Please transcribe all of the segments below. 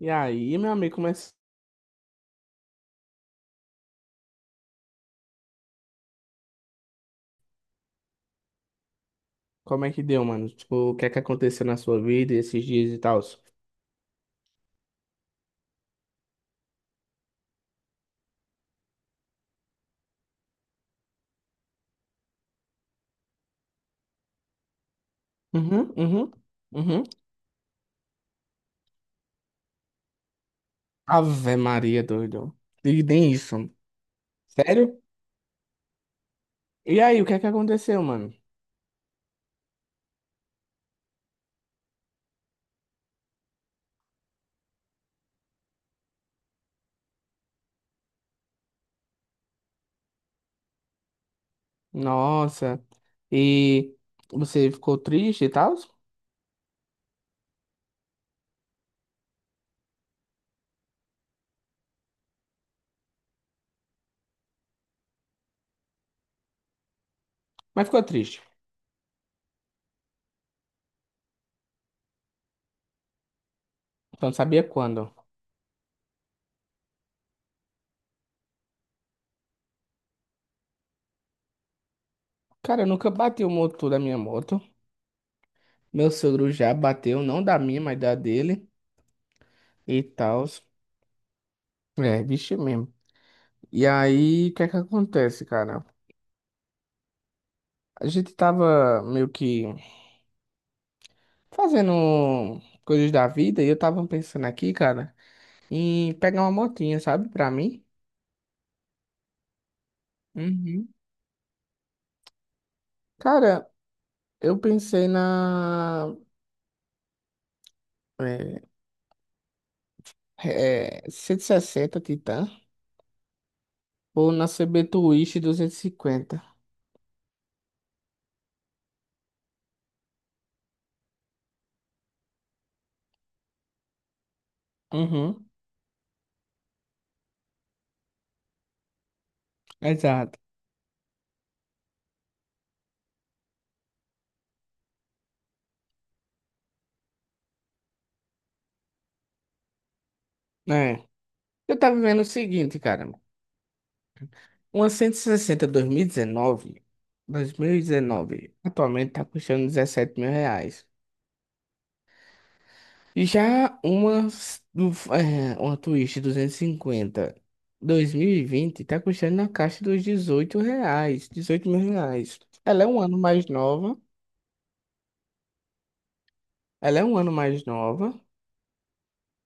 E aí, meu amigo, como é que deu, mano? Tipo, o que é que aconteceu na sua vida esses dias e tal? Uhum, uhum, uhum. Ave Maria, doido. E nem isso. Sério? E aí, o que é que aconteceu, mano? Nossa. E você ficou triste e tal? Mas ficou triste. Então, sabia quando? Cara, eu nunca bati o motor da minha moto. Meu sogro já bateu, não da minha, mas da dele e tal. É, bicho mesmo. E aí, o que é que acontece, cara? A gente tava meio que fazendo coisas da vida e eu tava pensando aqui, cara, em pegar uma motinha, sabe, pra mim. Uhum. Cara, eu pensei na é, 160 Titan ou na CB Twist 250. Uhum. Exato. É. Eu tava vendo o seguinte, cara. Uma 160 2019, atualmente tá custando 17 mil reais. E já uma, s- um, f- eh, uma Twist duzentos e cinquenta 2020 tá custando na caixa dos 18 reais, R$ 18.000. Ela é um ano mais nova, ela é um ano mais nova,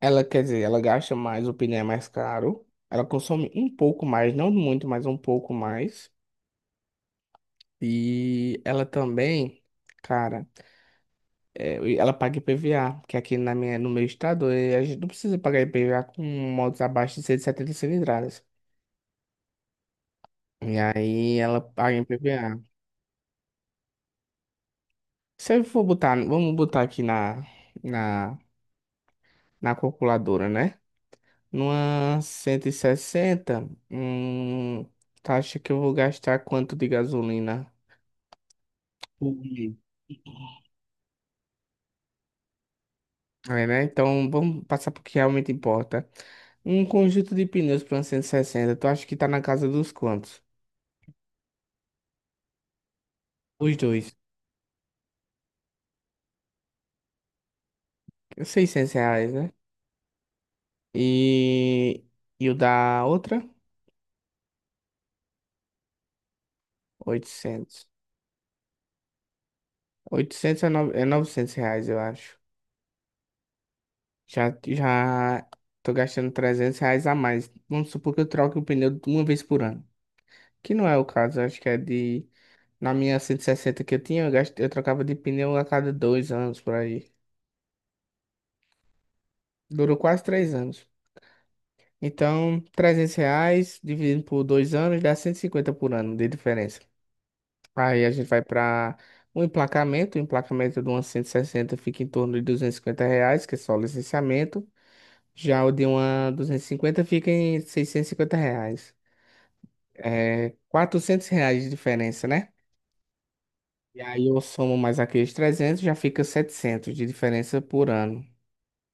ela, quer dizer, ela gasta mais, o pneu é mais caro, ela consome um pouco mais, não muito, mas um pouco mais. E ela também, cara, ela paga IPVA, que aqui na minha, no meu estado, a gente não precisa pagar IPVA com motos abaixo de 170 cilindradas. E aí ela paga em PVA. Se eu for botar, vamos botar aqui na, na calculadora, né? Numa 160, tu acha que eu vou gastar quanto de gasolina? Por mês? É, né? Então vamos passar pro que realmente importa. Um conjunto de pneus para uma 160. Tu acha que tá na casa dos quantos? Os dois. R$ 600, né? E, e o da outra? 800. Oitocentos é, nove é R$ 900, eu acho. Já tô gastando R$ 300 a mais. Vamos supor que eu troque o pneu uma vez por ano. Que não é o caso, acho que é de... Na minha 160 que eu tinha, eu trocava de pneu a cada dois anos, por aí. Durou quase três anos. Então, R$ 300 dividido por dois anos dá 150 por ano de diferença. Aí a gente vai para o emplacamento. O emplacamento de uma 160 fica em torno de R$ 250, que é só o licenciamento. Já o de uma 250 fica em R$ 650. É, R$ 400 de diferença, né? E aí eu somo mais aqueles 300, já fica 700 de diferença por ano.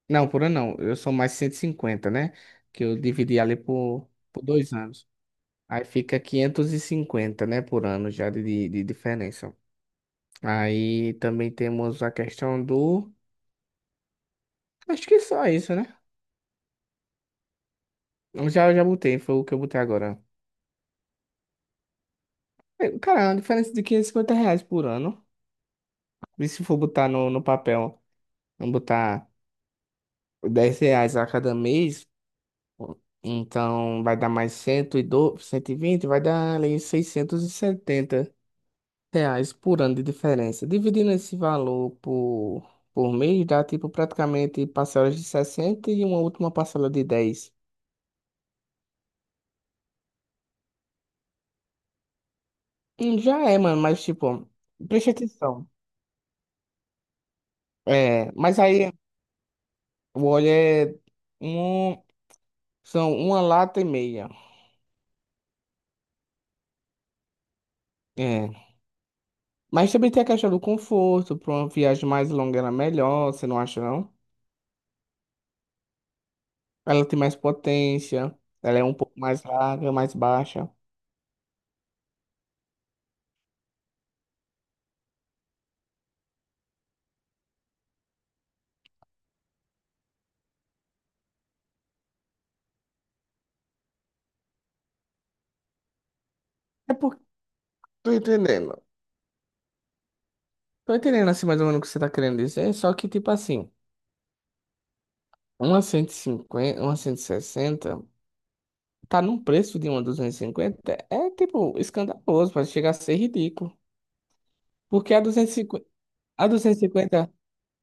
Não, por ano não, eu somo mais 150, né? Que eu dividi ali por dois anos. Aí fica 550, né, por ano já de diferença. Aí também temos a questão do... Acho que só isso, né? Eu já botei, foi o que eu botei agora. É, cara, é uma diferença de R$ 550 por ano. E se for botar no papel, não botar... R$ 10 a cada mês, então vai dar mais 112, 120, vai dar ali 670 reais por ano de diferença. Dividindo esse valor por mês, dá tipo praticamente parcelas de 60 e uma última parcela de 10. Hum. Já é, mano, mas tipo, preste atenção. É, mas aí o óleo é um, são uma lata e meia. É. Mas também tem a questão do conforto, para uma viagem mais longa era melhor, você não acha, não? Ela tem mais potência, ela é um pouco mais larga, mais baixa. É porque tô entendendo. Tô entendendo assim mais ou menos o que você tá querendo dizer, só que tipo assim, uma 150, uma 160, tá num preço de uma 250, é tipo escandaloso, pode chegar a ser ridículo. Porque a 250, a 250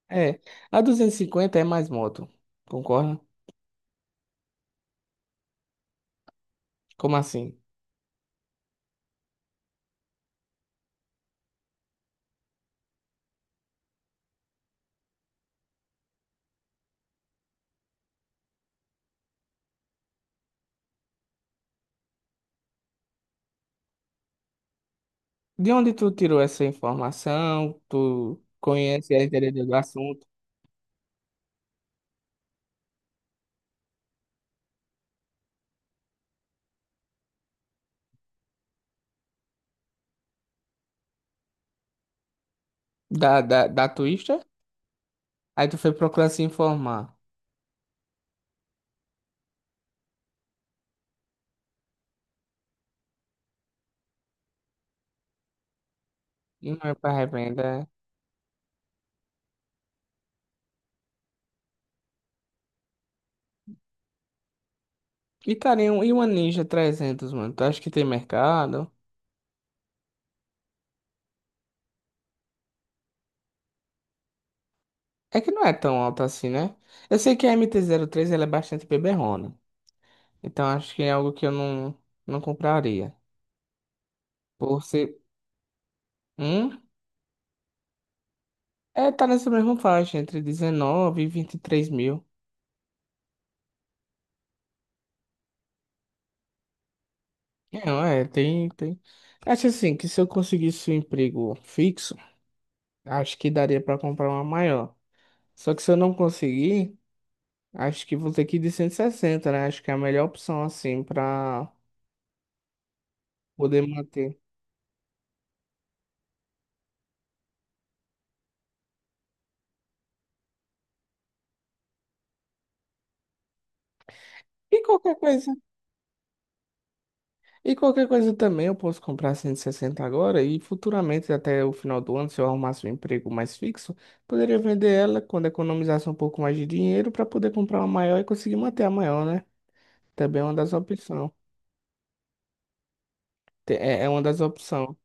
é, a 250 é mais moto. Concorda? Como assim? De onde tu tirou essa informação? Tu conhece a entender do assunto da Twister? Aí tu foi procurar se informar. E não é pra revenda. É. E, cara, e uma Ninja 300, mano? Tu acha que tem mercado? É que não é tão alta assim, né? Eu sei que a MT3 ela é bastante beberrona. Então acho que é algo que eu não, não compraria. Por ser... Hum? É, tá nessa mesma faixa, entre 19 e 23 mil. Não, é, tem, tem. Acho assim, que se eu conseguisse um emprego fixo, acho que daria pra comprar uma maior. Só que se eu não conseguir... Acho que vou ter que ir de 160, né? Acho que é a melhor opção, assim, pra poder manter. E qualquer coisa, e qualquer coisa, também eu posso comprar 160 agora e futuramente, até o final do ano, se eu arrumasse um emprego mais fixo, poderia vender ela quando economizasse um pouco mais de dinheiro para poder comprar uma maior e conseguir manter a maior, né? Também é uma das opções. É, uma das opções.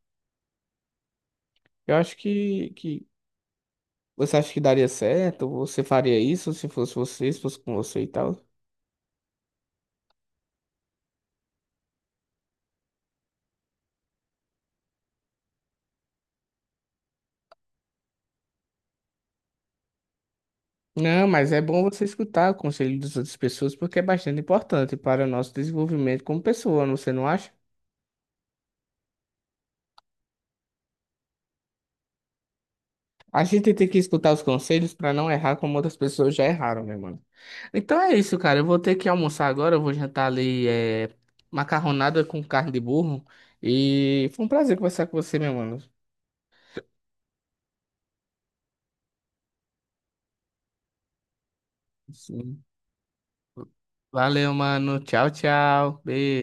Eu acho que você acha que daria certo? Você faria isso se fosse você, se fosse com você e tal? Não, mas é bom você escutar o conselho das outras pessoas porque é bastante importante para o nosso desenvolvimento como pessoa, você não acha? A gente tem que escutar os conselhos para não errar como outras pessoas já erraram, meu mano. Então é isso, cara. Eu vou ter que almoçar agora, eu vou jantar ali macarronada com carne de burro. E foi um prazer conversar com você, meu mano. Sim. Valeu, mano. Tchau, tchau. Beijo.